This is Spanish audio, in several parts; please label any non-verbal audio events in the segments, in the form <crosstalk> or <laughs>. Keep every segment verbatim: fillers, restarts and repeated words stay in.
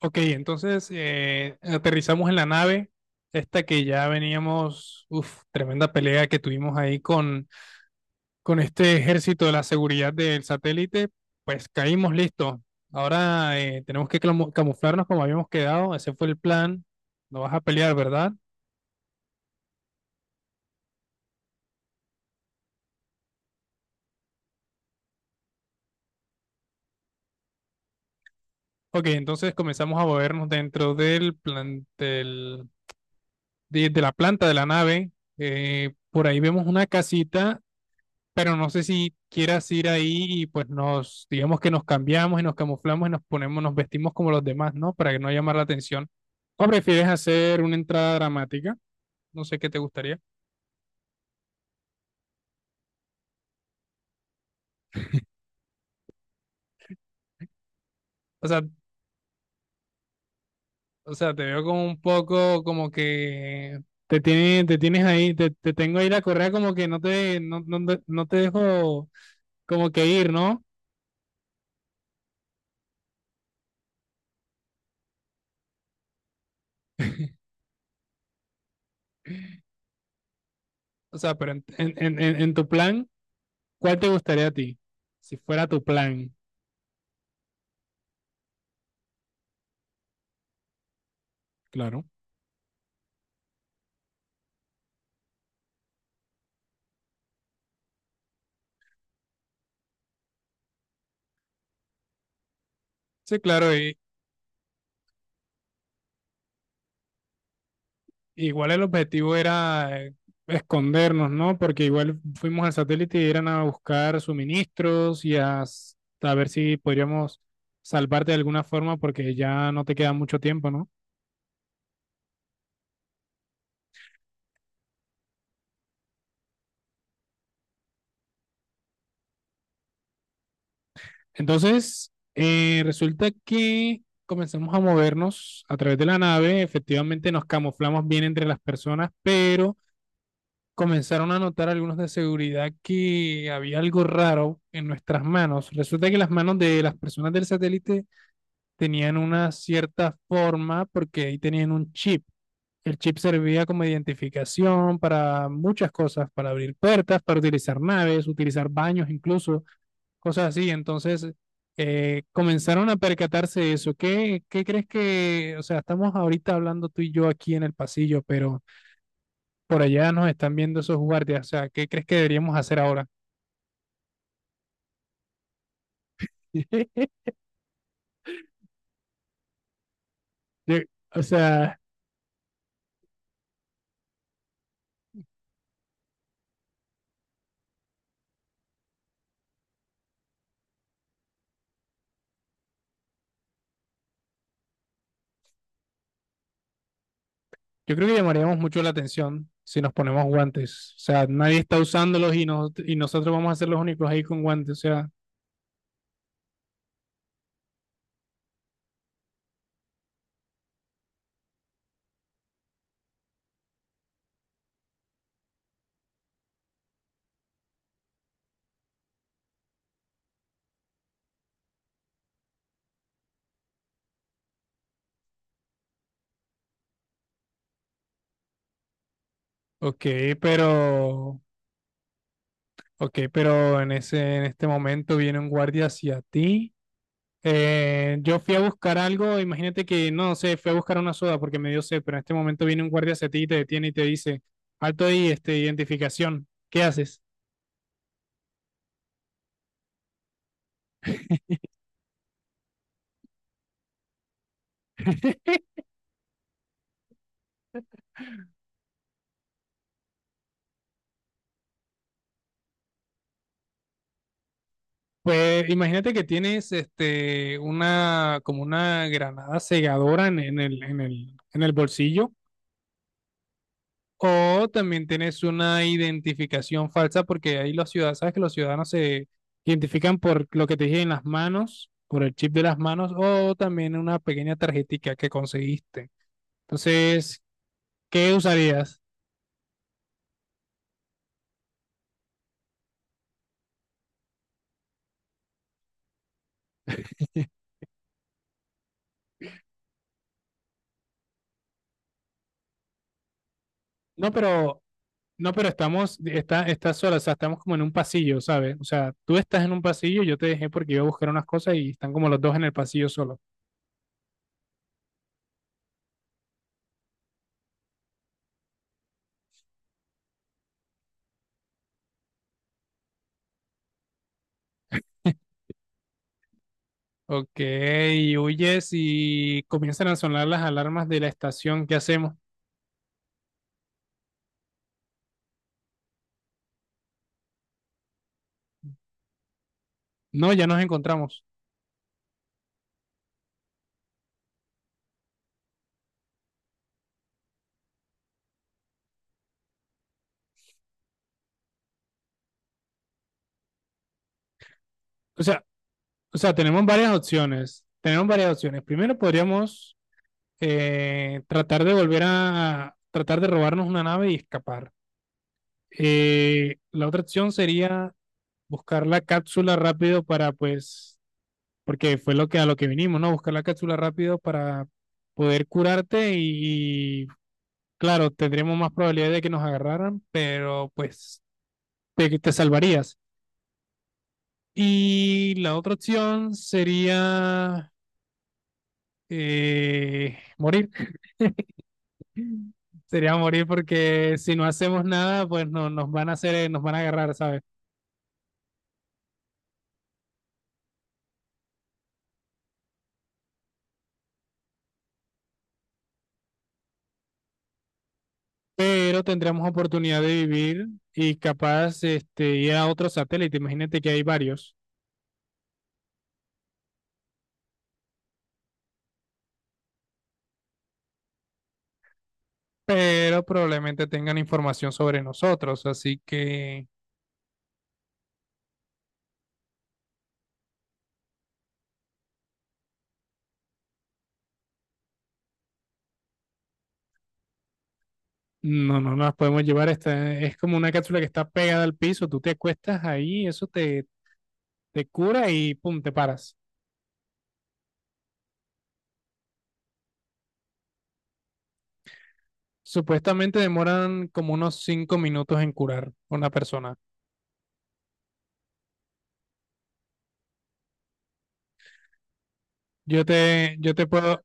Ok, entonces eh, aterrizamos en la nave, esta que ya veníamos, uff, tremenda pelea que tuvimos ahí con, con este ejército de la seguridad del satélite, pues caímos listos. Ahora eh, tenemos que clamu- camuflarnos como habíamos quedado, ese fue el plan, no vas a pelear, ¿verdad? Ok, entonces comenzamos a movernos dentro del plan, del- de, de la planta de la nave, eh, por ahí vemos una casita pero no sé si quieras ir ahí y pues nos, digamos que nos cambiamos y nos camuflamos y nos ponemos, nos vestimos como los demás, ¿no? Para que no llamar la atención. ¿O prefieres hacer una entrada dramática? No sé qué te gustaría. O sea, o sea, te veo como un poco como que te tiene, te tienes ahí, te, te tengo ahí la correa como que no te, no, no, te- no te dejo como que ir, ¿no? O sea, pero en, en, en, en en tu plan, ¿cuál te gustaría a ti? Si fuera tu plan, claro. Sí, claro, y, igual el objetivo era eh, escondernos, ¿no? Porque igual fuimos al satélite y eran a buscar suministros y a, s- a ver si podríamos salvarte de alguna forma porque ya no te queda mucho tiempo, ¿no? Entonces, eh, resulta que comenzamos a movernos a través de la nave, efectivamente nos camuflamos bien entre las personas, pero comenzaron a notar algunos de seguridad que había algo raro en nuestras manos. Resulta que las manos de las personas del satélite tenían una cierta forma porque ahí tenían un chip. El chip servía como identificación para muchas cosas, para abrir puertas, para utilizar naves, utilizar baños incluso, cosas así. Entonces, eh, comenzaron a percatarse de eso. ¿Qué, qué crees que, o sea, estamos ahorita hablando tú y yo aquí en el pasillo, pero por allá nos están viendo esos guardias. O sea, ¿qué crees que deberíamos hacer ahora? <laughs> O sea, yo creo que llamaríamos mucho la atención si nos ponemos guantes. O sea, nadie está usándolos y, nos- y nosotros vamos a ser los únicos ahí con guantes. O sea, ok, pero, ok, pero en ese, en este momento viene un guardia hacia ti. Eh, yo fui a buscar algo, imagínate que, no sé, fui a buscar una soda porque me dio sed, pero en este momento viene un guardia hacia ti y te detiene y te dice, alto ahí, este, identificación, ¿qué haces? <laughs> Pues imagínate que tienes este una como una granada segadora en, en el, en el, en el bolsillo o también tienes una identificación falsa porque ahí los ciudadanos, sabes que los ciudadanos se identifican por lo que te dije en las manos, por el chip de las manos o también una pequeña tarjetica que conseguiste. Entonces, ¿qué usarías? <laughs> No, pero no, pero estamos, está, está sola, o sea, estamos como en un pasillo, ¿sabes? O sea, tú estás en un pasillo, yo te dejé porque iba a buscar unas cosas y están como los dos en el pasillo solo. <laughs> Ok, huyes y comienzan a sonar las alarmas de la estación. ¿Qué hacemos? No, ya nos encontramos. O sea, o sea, tenemos varias opciones. Tenemos varias opciones. Primero podríamos eh, tratar de volver a, tratar de robarnos una nave y escapar. Eh, la otra opción sería buscar la cápsula rápido para pues porque fue lo que a lo que vinimos, ¿no? Buscar la cápsula rápido para poder curarte y, claro, tendremos más probabilidad de que nos agarraran, pero pues te, te salvarías. Y la otra opción sería eh, morir. <laughs> Sería morir porque si no hacemos nada, pues no, nos van a hacer, eh, nos van a agarrar, ¿sabes? Pero tendremos oportunidad de vivir y capaz este, ir a otro satélite. Imagínate que hay varios pero probablemente tengan información sobre nosotros, así que no, no nos podemos llevar. Esta, es como una cápsula que está pegada al piso, tú te acuestas ahí, eso te, te cura y pum, te paras. Supuestamente demoran como unos cinco minutos en curar una persona. Yo te, yo te puedo,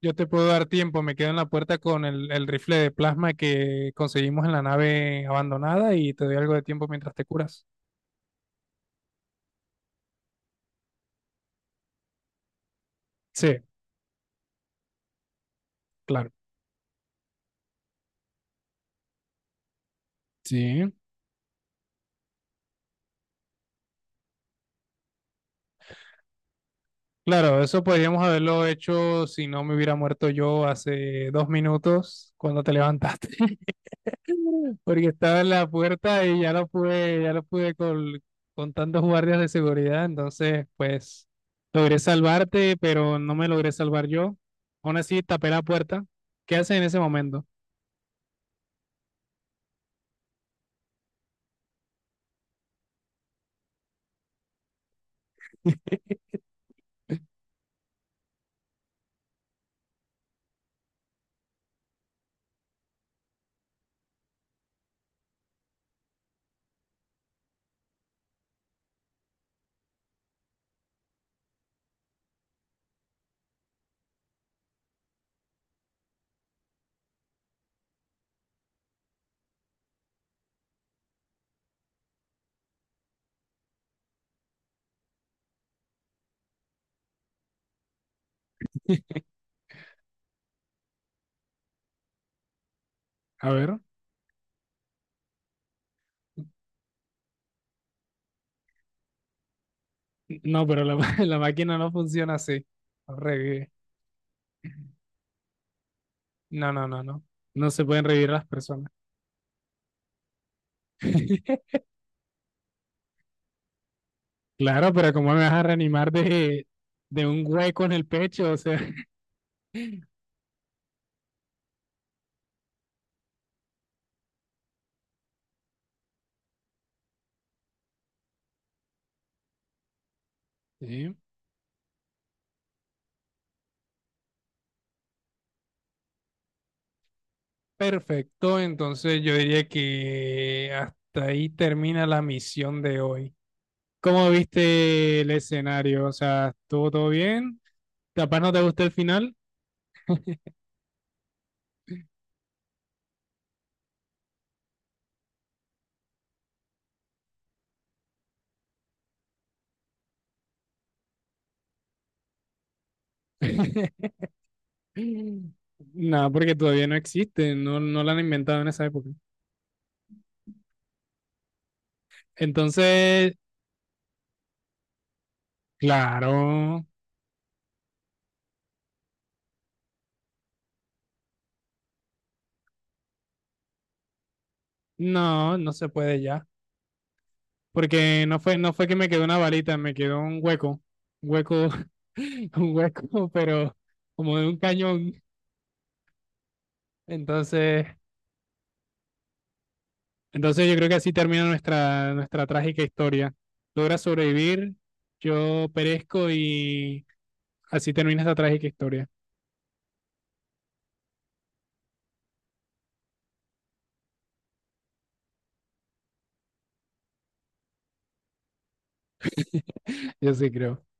yo te puedo dar tiempo, me quedo en la puerta con el, el rifle de plasma que conseguimos en la nave abandonada y te doy algo de tiempo mientras te curas. Sí, claro. Sí. Claro, eso podríamos haberlo hecho si no me hubiera muerto yo hace dos minutos cuando te levantaste, <laughs> porque estaba en la puerta y ya lo pude, ya lo pude col- con, tantos guardias de seguridad, entonces pues logré salvarte, pero no me logré salvar yo. Aún así tapé la puerta. ¿Qué haces en ese momento? <laughs> A ver. No, pero la, ma- <laughs> la máquina no funciona así. No revive. No, no, no, no. No se pueden revivir las personas. <laughs> Claro, pero ¿cómo me vas a reanimar de, de un hueco en el pecho? O sea, <laughs> Sí. Perfecto. Entonces yo diría que hasta ahí termina la misión de hoy. ¿Cómo viste el escenario? O sea, ¿estuvo todo bien? ¿Capaz no te gustó el final? <laughs> Nada, porque todavía no existe, no, no la han inventado en esa época. Entonces, claro, no, no se puede ya. Porque no fue, no fue que me quedó una balita, me quedó un hueco, un hueco, <laughs> un hueco, pero como de un cañón. Entonces, entonces yo creo que así termina nuestra, nuestra trágica historia. Logra sobrevivir, yo perezco y así termina esta trágica historia. Yo sí creo.